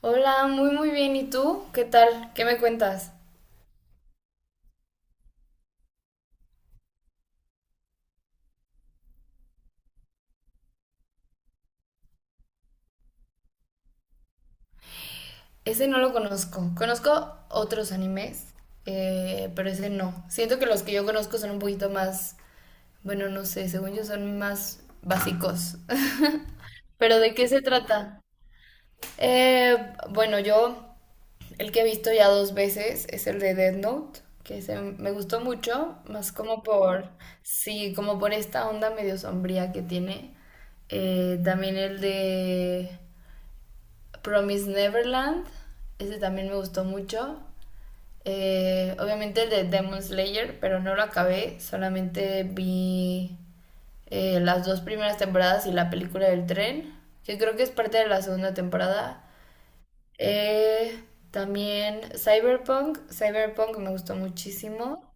Hola, muy muy bien. ¿Y tú? ¿Qué tal? ¿Qué me cuentas? Ese no lo conozco. Conozco otros animes, pero ese no. Siento que los que yo conozco son un poquito más, bueno, no sé, según yo son más básicos. ¿Pero de qué se trata? Eh, bueno, yo el que he visto ya dos veces es el de Death Note, que se me gustó mucho, más como por, sí, como por esta onda medio sombría que tiene. También el de Promise Neverland, ese también me gustó mucho. Obviamente el de Demon Slayer, pero no lo acabé, solamente vi las dos primeras temporadas y la película del tren, que creo que es parte de la segunda temporada. Eh, también Cyberpunk, Cyberpunk me gustó muchísimo.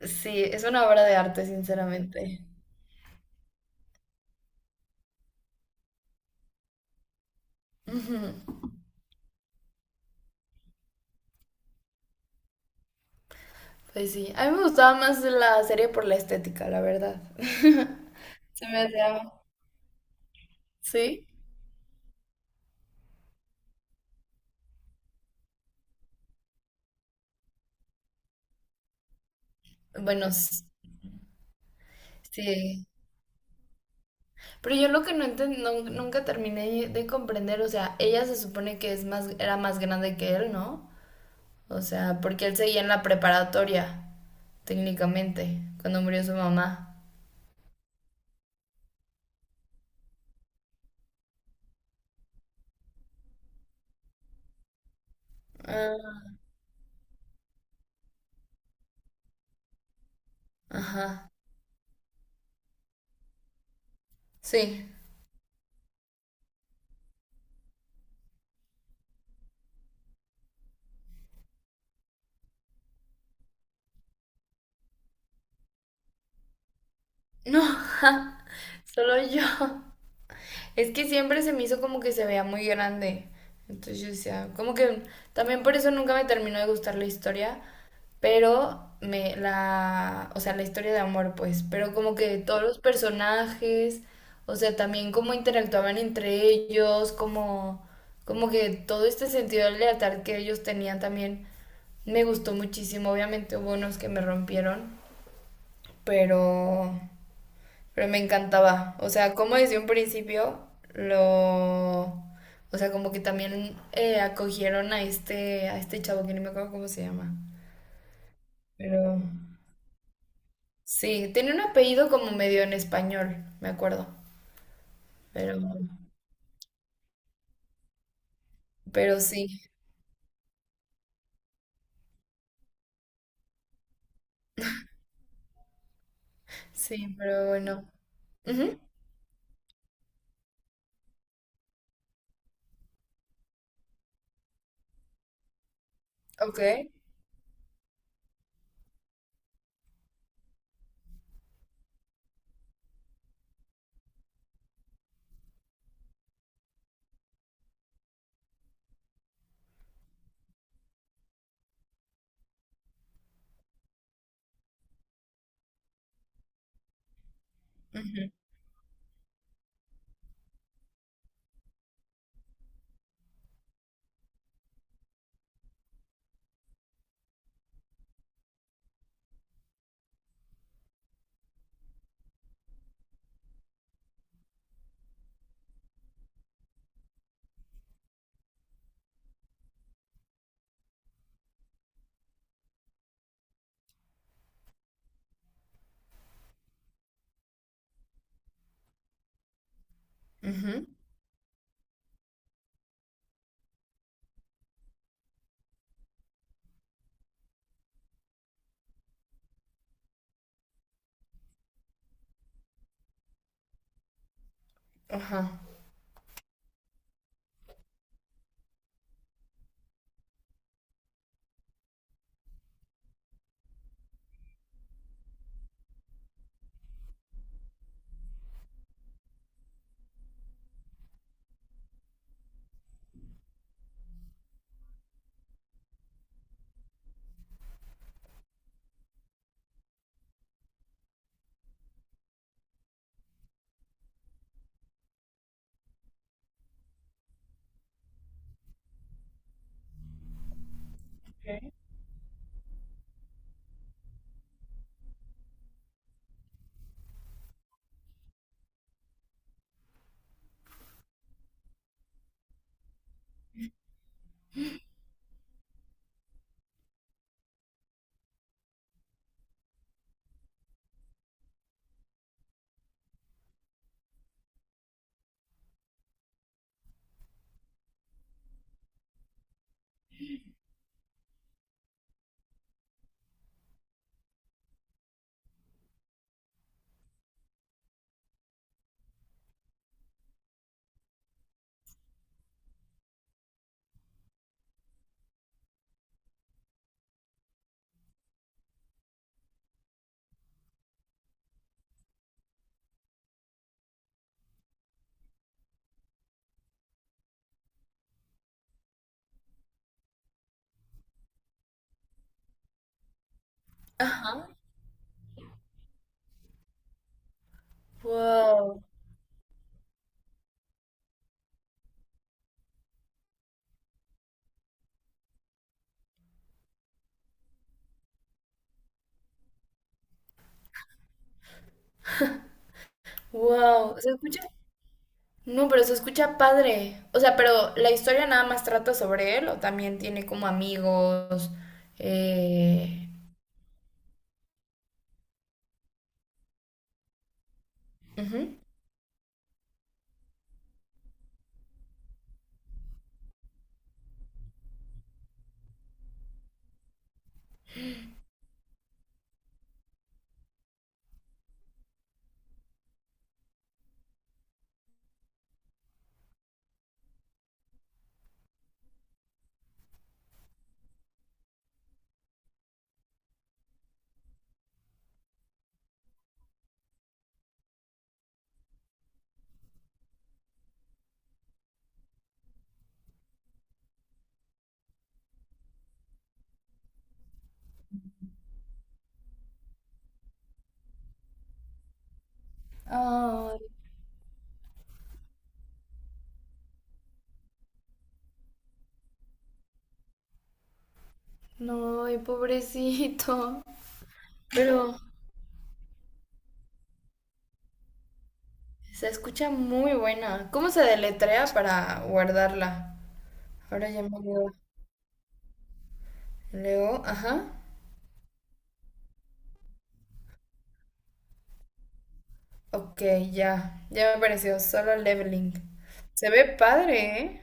Sí, es una obra de arte, sinceramente. Ujú. Pues sí, a mí me gustaba más la serie por la estética, la verdad. Se me hacía... ¿Sí? Bueno, sí. Pero yo lo que nunca terminé de comprender, o sea, ella se supone que es más, era más grande que él, ¿no? O sea, porque él seguía en la preparatoria, técnicamente, cuando murió su mamá. Ah, ajá. Sí. No, ja, solo yo. Es que siempre se me hizo como que se veía muy grande. Entonces yo decía, como que también por eso nunca me terminó de gustar la historia, pero me la, o sea, la historia de amor, pues, pero como que todos los personajes, o sea, también cómo interactuaban entre ellos, como que todo este sentido de lealtad que ellos tenían también me gustó muchísimo. Obviamente hubo unos que me rompieron, pero me encantaba. O sea, como desde un principio lo... O sea, como que también acogieron a este chavo que no me acuerdo cómo se llama. Pero... Sí, tenía un apellido como medio en español, me acuerdo. Pero... Pero sí. Sí, pero bueno. Ujú. Ok. Ujú, ujú. Ajá. Ok. Ajá. Wow. Wow. ¿Se escucha? No, pero se escucha padre. O sea, pero la historia nada más trata sobre él o también tiene como amigos. Eh... Ujú. Ay, no, ay, pobrecito. Pero se escucha muy buena. ¿Cómo se deletrea para guardarla? Ahora ya me leo. Leo, ajá. Ok, ya. Ya me apareció. Solo leveling. Se ve padre, ¿eh?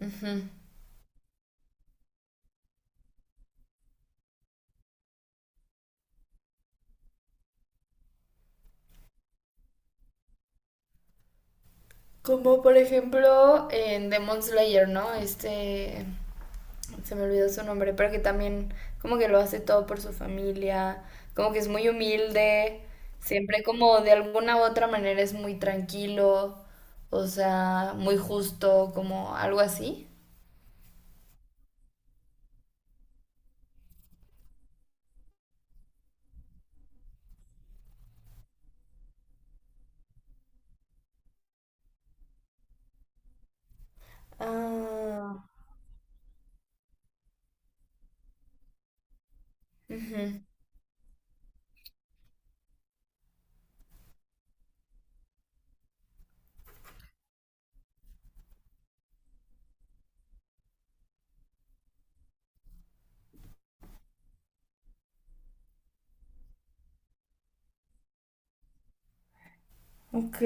Ujú. Como por ejemplo en Demon Slayer, ¿no? Este, se me olvidó su nombre, pero que también como que lo hace todo por su familia, como que es muy humilde, siempre como de alguna u otra manera es muy tranquilo, o sea, muy justo, como algo así. Ah. Ujú. Ok,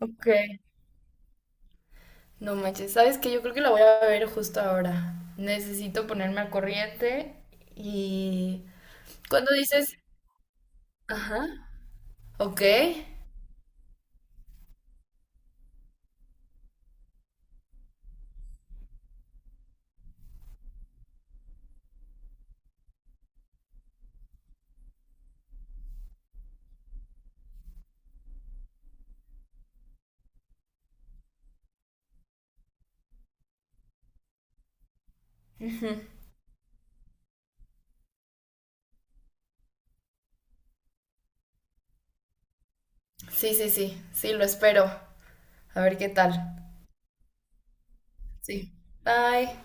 ok. No manches, ¿sabes qué? Yo creo que la voy a ver justo ahora. Necesito ponerme al corriente y... Cuando dices... Ajá. Ok. Ujú. Sí, sí, sí. Sí, lo espero. A ver qué tal. Sí. Bye.